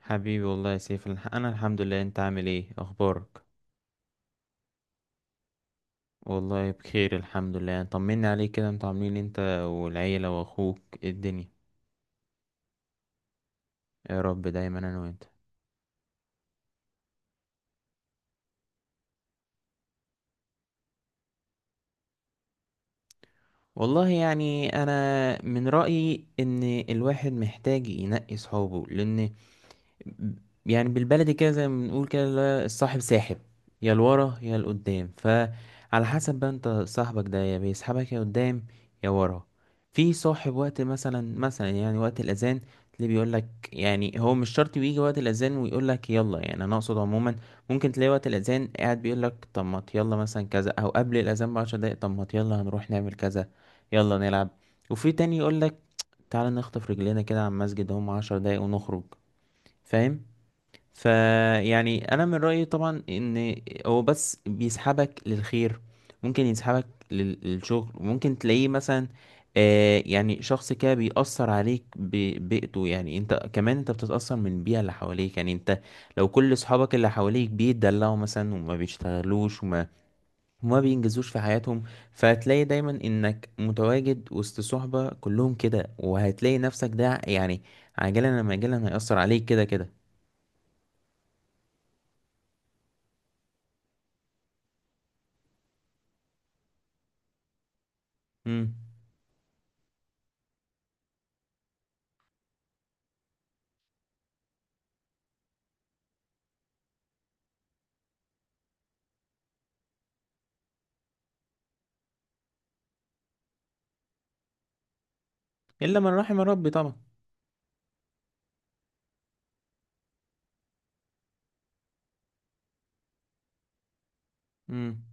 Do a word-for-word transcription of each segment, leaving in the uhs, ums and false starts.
حبيبي والله يا سيف، الح- انا الحمد لله. انت عامل ايه اخبارك؟ والله بخير الحمد لله. طمني عليك كده، انتوا عاملين إيه انت والعيلة واخوك؟ إيه الدنيا؟ يا رب دايما انا وانت. والله يعني انا من رأيي ان الواحد محتاج ينقي صحابه، لان يعني بالبلدي كده زي ما بنقول كده، اللي هو الصاحب ساحب، يا لورا يا لقدام. فعلى حسب بقى انت صاحبك ده يا بيسحبك يا قدام يا ورا. في صاحب وقت مثلا مثلا يعني وقت الاذان تلاقيه بيقول لك، يعني هو مش شرط بيجي وقت الاذان ويقول لك يلا، يعني انا اقصد عموما ممكن تلاقي وقت الاذان قاعد بيقول لك طب ما يلا مثلا كذا، او قبل الاذان بعشر دقايق طب ما يلا هنروح نعمل كذا، يلا نلعب. وفي تاني يقول لك تعالى نخطف رجلينا كده على المسجد، هم عشر دقايق ونخرج، فاهم؟ فيعني انا من رايي طبعا ان هو بس بيسحبك للخير، ممكن يسحبك لل- للشغل. ممكن تلاقيه مثلا، آه يعني شخص كده بيأثر عليك ببيئته، يعني انت كمان انت بتتأثر من البيئة اللي حواليك. يعني انت لو كل اصحابك اللي حواليك بيتدلعوا مثلا وما بيشتغلوش وما وما بينجزوش في حياتهم، فهتلاقي دايما انك متواجد وسط صحبة كلهم كده، وهتلاقي نفسك ده يعني عاجلا أم آجلا هيأثر عليك كده كده. مم. الا من رحم ربي طبعا. امم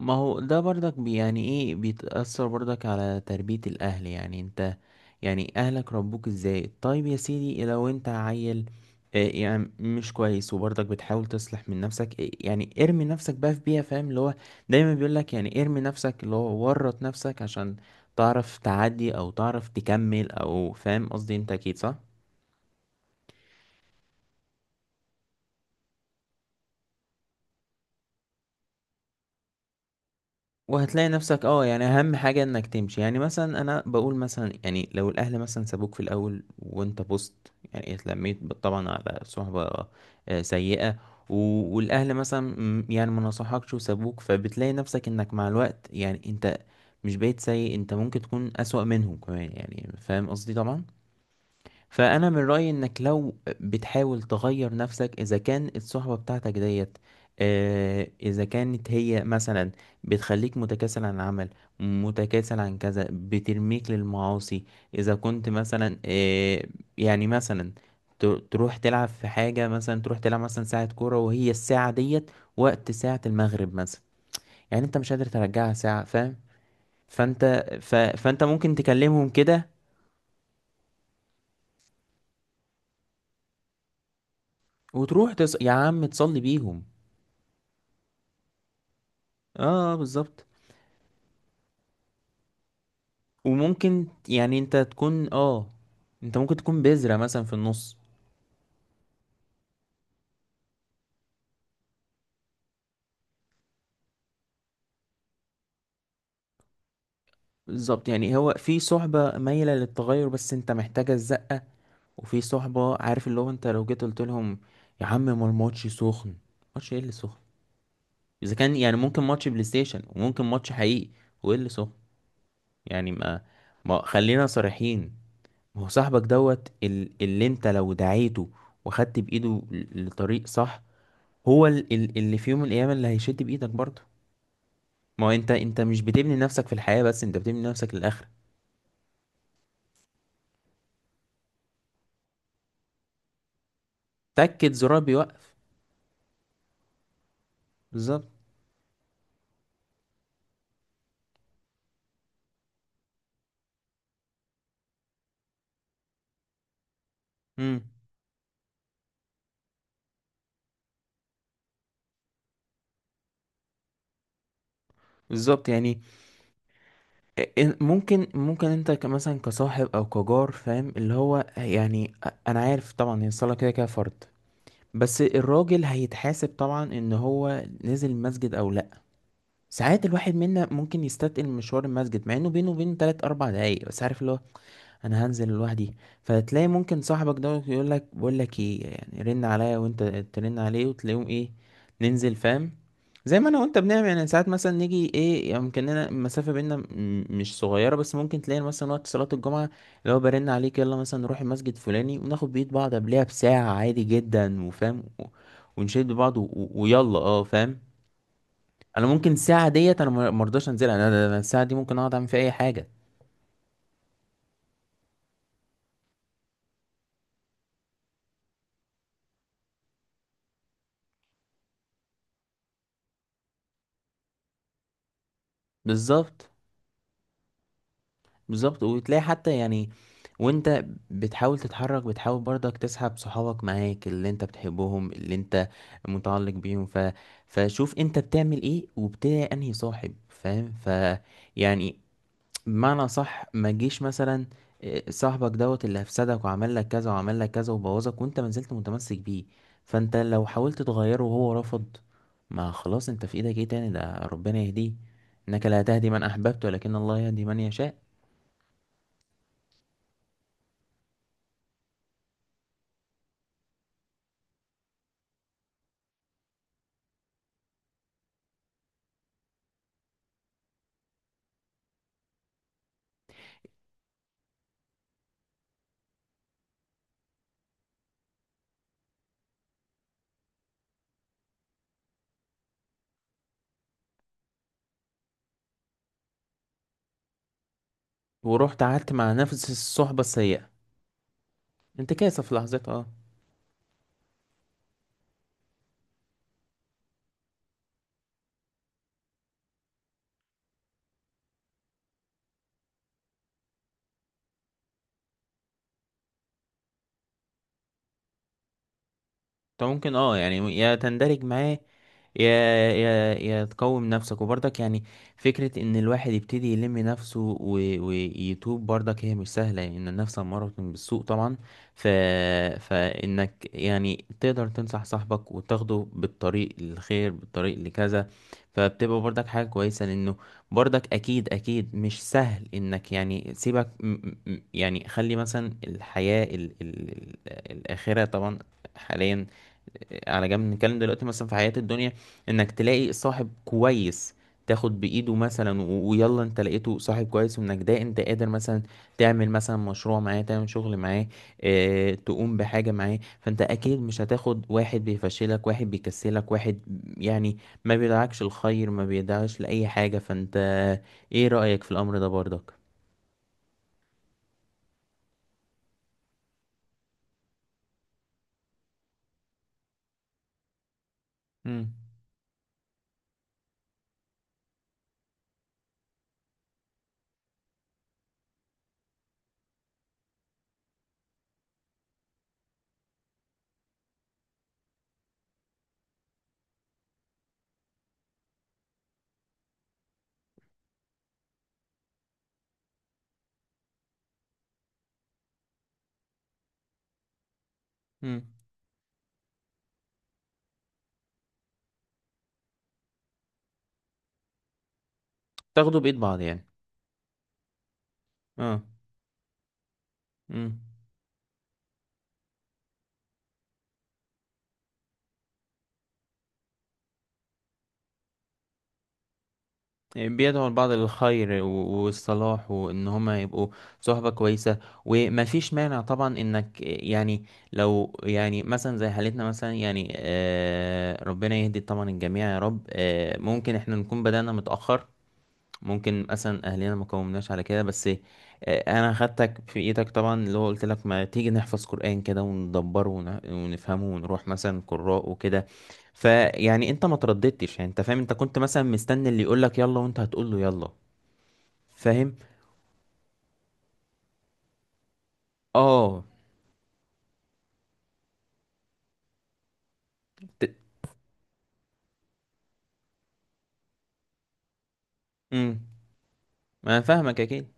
ما هو ده برضك بي يعني ايه، بيتأثر برضك على تربية الاهل. يعني انت يعني اهلك ربوك ازاي؟ طيب يا سيدي لو انت عيل آه، يعني مش كويس، وبرضك بتحاول تصلح من نفسك إيه، يعني ارمي نفسك بقى في بيئة، فاهم؟ اللي هو دايما بيقولك يعني ارمي نفسك، اللي هو ورط نفسك عشان تعرف تعدي او تعرف تكمل، او فاهم قصدي؟ انت اكيد صح. وهتلاقي نفسك، اه يعني اهم حاجة انك تمشي. يعني مثلا انا بقول مثلا، يعني لو الاهل مثلا سابوك في الاول وانت بوست، يعني اتلميت ب- طبعا على صحبة آه، سيئة، و- والاهل مثلا م- يعني ما نصحكش وسابوك، فبتلاقي نفسك انك مع الوقت يعني انت مش بقيت سيء، انت ممكن تكون اسوأ منهم كمان، يعني فاهم قصدي طبعا. فانا من رايي انك لو بتحاول تغير نفسك، اذا كان الصحبه بتاعتك ديت آه، اذا كانت هي مثلا بتخليك متكاسل عن العمل، متكاسل عن كذا، بترميك للمعاصي، اذا كنت مثلا آه، يعني مثلا ت- تروح تلعب في حاجه، مثلا تروح تلعب مثلا ساعه كوره وهي الساعه ديت وقت ساعه المغرب مثلا، يعني انت مش قادر ترجعها ساعه، فاهم؟ فانت ف... فانت ممكن تكلمهم كده. وتروح تص... يا عم تصلي بيهم. اه آه، بالظبط. وممكن يعني انت تكون اه، انت ممكن تكون بذرة مثلا في النص. بالظبط، يعني هو في صحبة مايلة للتغير بس انت محتاجة الزقة، وفي صحبة عارف اللي هو انت لو جيت قلت لهم يا عم ما الماتش سخن، ماتش ايه اللي سخن؟ اذا كان يعني ممكن ماتش بلاي ستيشن وممكن ماتش حقيقي، وايه اللي سخن؟ يعني ما، ما خلينا صريحين. ما هو صاحبك دوت ال- اللي انت لو دعيته وخدت بايده ل- لطريق صح، هو ال- ال- اللي في يوم من الايام اللي هيشد بايدك برضه. ما هو انت، انت مش بتبني نفسك في الحياة بس، انت بتبني نفسك للاخره. تأكد زرار بيوقف. بالظبط. امم. بالظبط، يعني إن- ممكن ممكن انت ك- مثلا كصاحب او كجار، فاهم اللي هو؟ يعني أ- انا عارف طبعا هي الصلاة كده كده فرض، بس الراجل هيتحاسب طبعا ان هو نزل المسجد او لا. ساعات الواحد منا ممكن يستثقل مشوار المسجد، مع انه بينه وبينه تلات اربع دقايق، بس عارف اللي هو انا هنزل لوحدي. فتلاقي ممكن صاحبك ده يقول لك، بقول لك ايه، يعني رن عليا وانت ترن عليه وتلاقيهم ايه، ننزل، فاهم؟ زي ما انا وانت بنعمل، يعني ساعات مثلا نيجي ايه يعني يمكننا المسافه بينا م- مش صغيره، بس ممكن تلاقي مثلا وقت صلاه الجمعه اللي هو برن عليك، يلا مثلا نروح المسجد فلاني وناخد بيد بعض قبلها بساعه، عادي جدا. وفاهم و- ونشد بعض و- و- ويلا اه، فاهم. انا ممكن الساعه ديت انا ما ما ارضاش انزلها، انا أنا- أنا الساعه دي ممكن اقعد اعمل فيها اي حاجه. بالظبط. بالظبط وتلاقي حتى يعني، وانت بتحاول تتحرك، بتحاول برضك تسحب صحابك معاك اللي انت بتحبهم، اللي انت متعلق بيهم، ف... فشوف انت بتعمل ايه وبتلاقي انهي صاحب، فاهم؟ ف يعني بمعنى صح، ما تجيش مثلا إيه، صاحبك دوت اللي هفسدك وعمل لك كذا وعمل لك كذا وبوظك وانت ما زلت متمسك بيه. فانت لو حاولت تغيره وهو رفض، ما خلاص انت في ايدك ايه تاني؟ ده ربنا يهديه. انك لا تهدي من احببت ولكن الله يهدي من يشاء. ورحت قعدت مع نفس الصحبة السيئة، انت كاسف لحظتها اه. انت ممكن اه يعني يا تندرج معاه، يا يا يا تقوم نفسك. وبرضك يعني فكرة ان الواحد يبتدي يلم نفسه و... ويتوب برضك هي مش سهلة، لان يعني النفس امارة بالسوء طبعا. ف... فانك يعني تقدر تنصح صاحبك وتاخده بالطريق الخير، بالطريق لكذا، فبتبقى برضك حاجة كويسة، لانه برضك اكيد، اكيد مش سهل. انك يعني سيبك م... م- يعني خلي مثلا الحياة ال... ال... ال- الاخرة طبعا حاليا على جنب، نتكلم دلوقتي مثلا في حياة الدنيا، انك تلاقي صاحب كويس، تاخد بإيده مثلا و- ويلا، انت لقيته صاحب كويس وانك ده انت قادر مثلا تعمل مثلا مشروع معاه، تعمل شغل معاه، اه تقوم بحاجة معاه. فانت اكيد مش هتاخد واحد بيفشلك، واحد بيكسلك، واحد يعني ما بيدعكش الخير، ما بيدعكش لأي حاجة. فانت ايه رأيك في الأمر ده برضك؟ مم. مم. تاخدوا بإيد بعض يعني. اه. مم. يعني بيدعوا البعض للخير و- والصلاح، وان هما يبقوا صحبة كويسة. ومفيش مانع طبعا انك يعني لو يعني مثلا زي حالتنا مثلا يعني آه، ربنا يهدي طبعا الجميع يا رب، آه، ممكن احنا نكون بدأنا متأخر، ممكن مثلا اهلنا ما قومناش على كده بس، آه، انا خدتك في ايدك طبعا، اللي هو قلت لك ما تيجي نحفظ قرآن كده وندبره ون- ونفهمه، ونروح مثلا قراء وكده. فيعني انت ما ترددتش، يعني انت فاهم انت كنت مثلا مستني اللي يقول لك يلا وانت هتقول له يلا. فاهم. اه. ت... امم. ما انا فاهمك اكيد.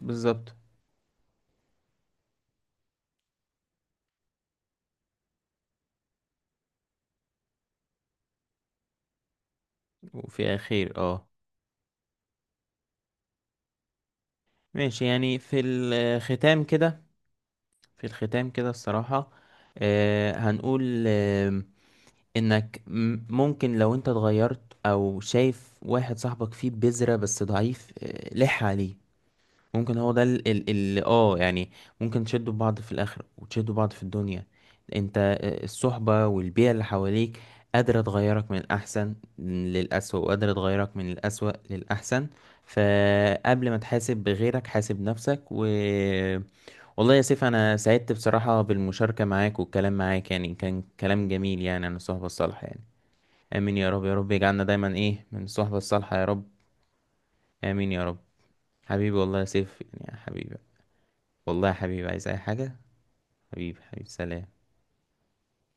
بالظبط. وفي اخير اه. ماشي، يعني في الختام كده. في الختام كده الصراحة آه هنقول انك م- ممكن لو انت اتغيرت، او شايف واحد صاحبك فيه بذرة بس ضعيف، آه، لح عليه. ممكن هو ده ال- ال- اللي اه يعني ممكن تشدوا بعض في الاخر وتشدوا بعض في الدنيا. انت آه، الصحبة والبيئة اللي حواليك قادرة تغيرك من الأحسن للأسوأ، وقادرة تغيرك من الأسوأ للأحسن. فقبل ما تحاسب بغيرك حاسب نفسك. و والله يا سيف أنا سعدت بصراحة بالمشاركة معاك والكلام معاك، يعني كان كلام جميل يعني عن الصحبة الصالحة يعني. امين يا رب، يا رب يجعلنا دايما ايه من الصحبة الصالحة يا رب. امين يا رب. حبيبي والله يا سيف، يعني يا حبيبي. والله يا حبيبي عايز اي حاجة. حبيبي حبيبي سلام.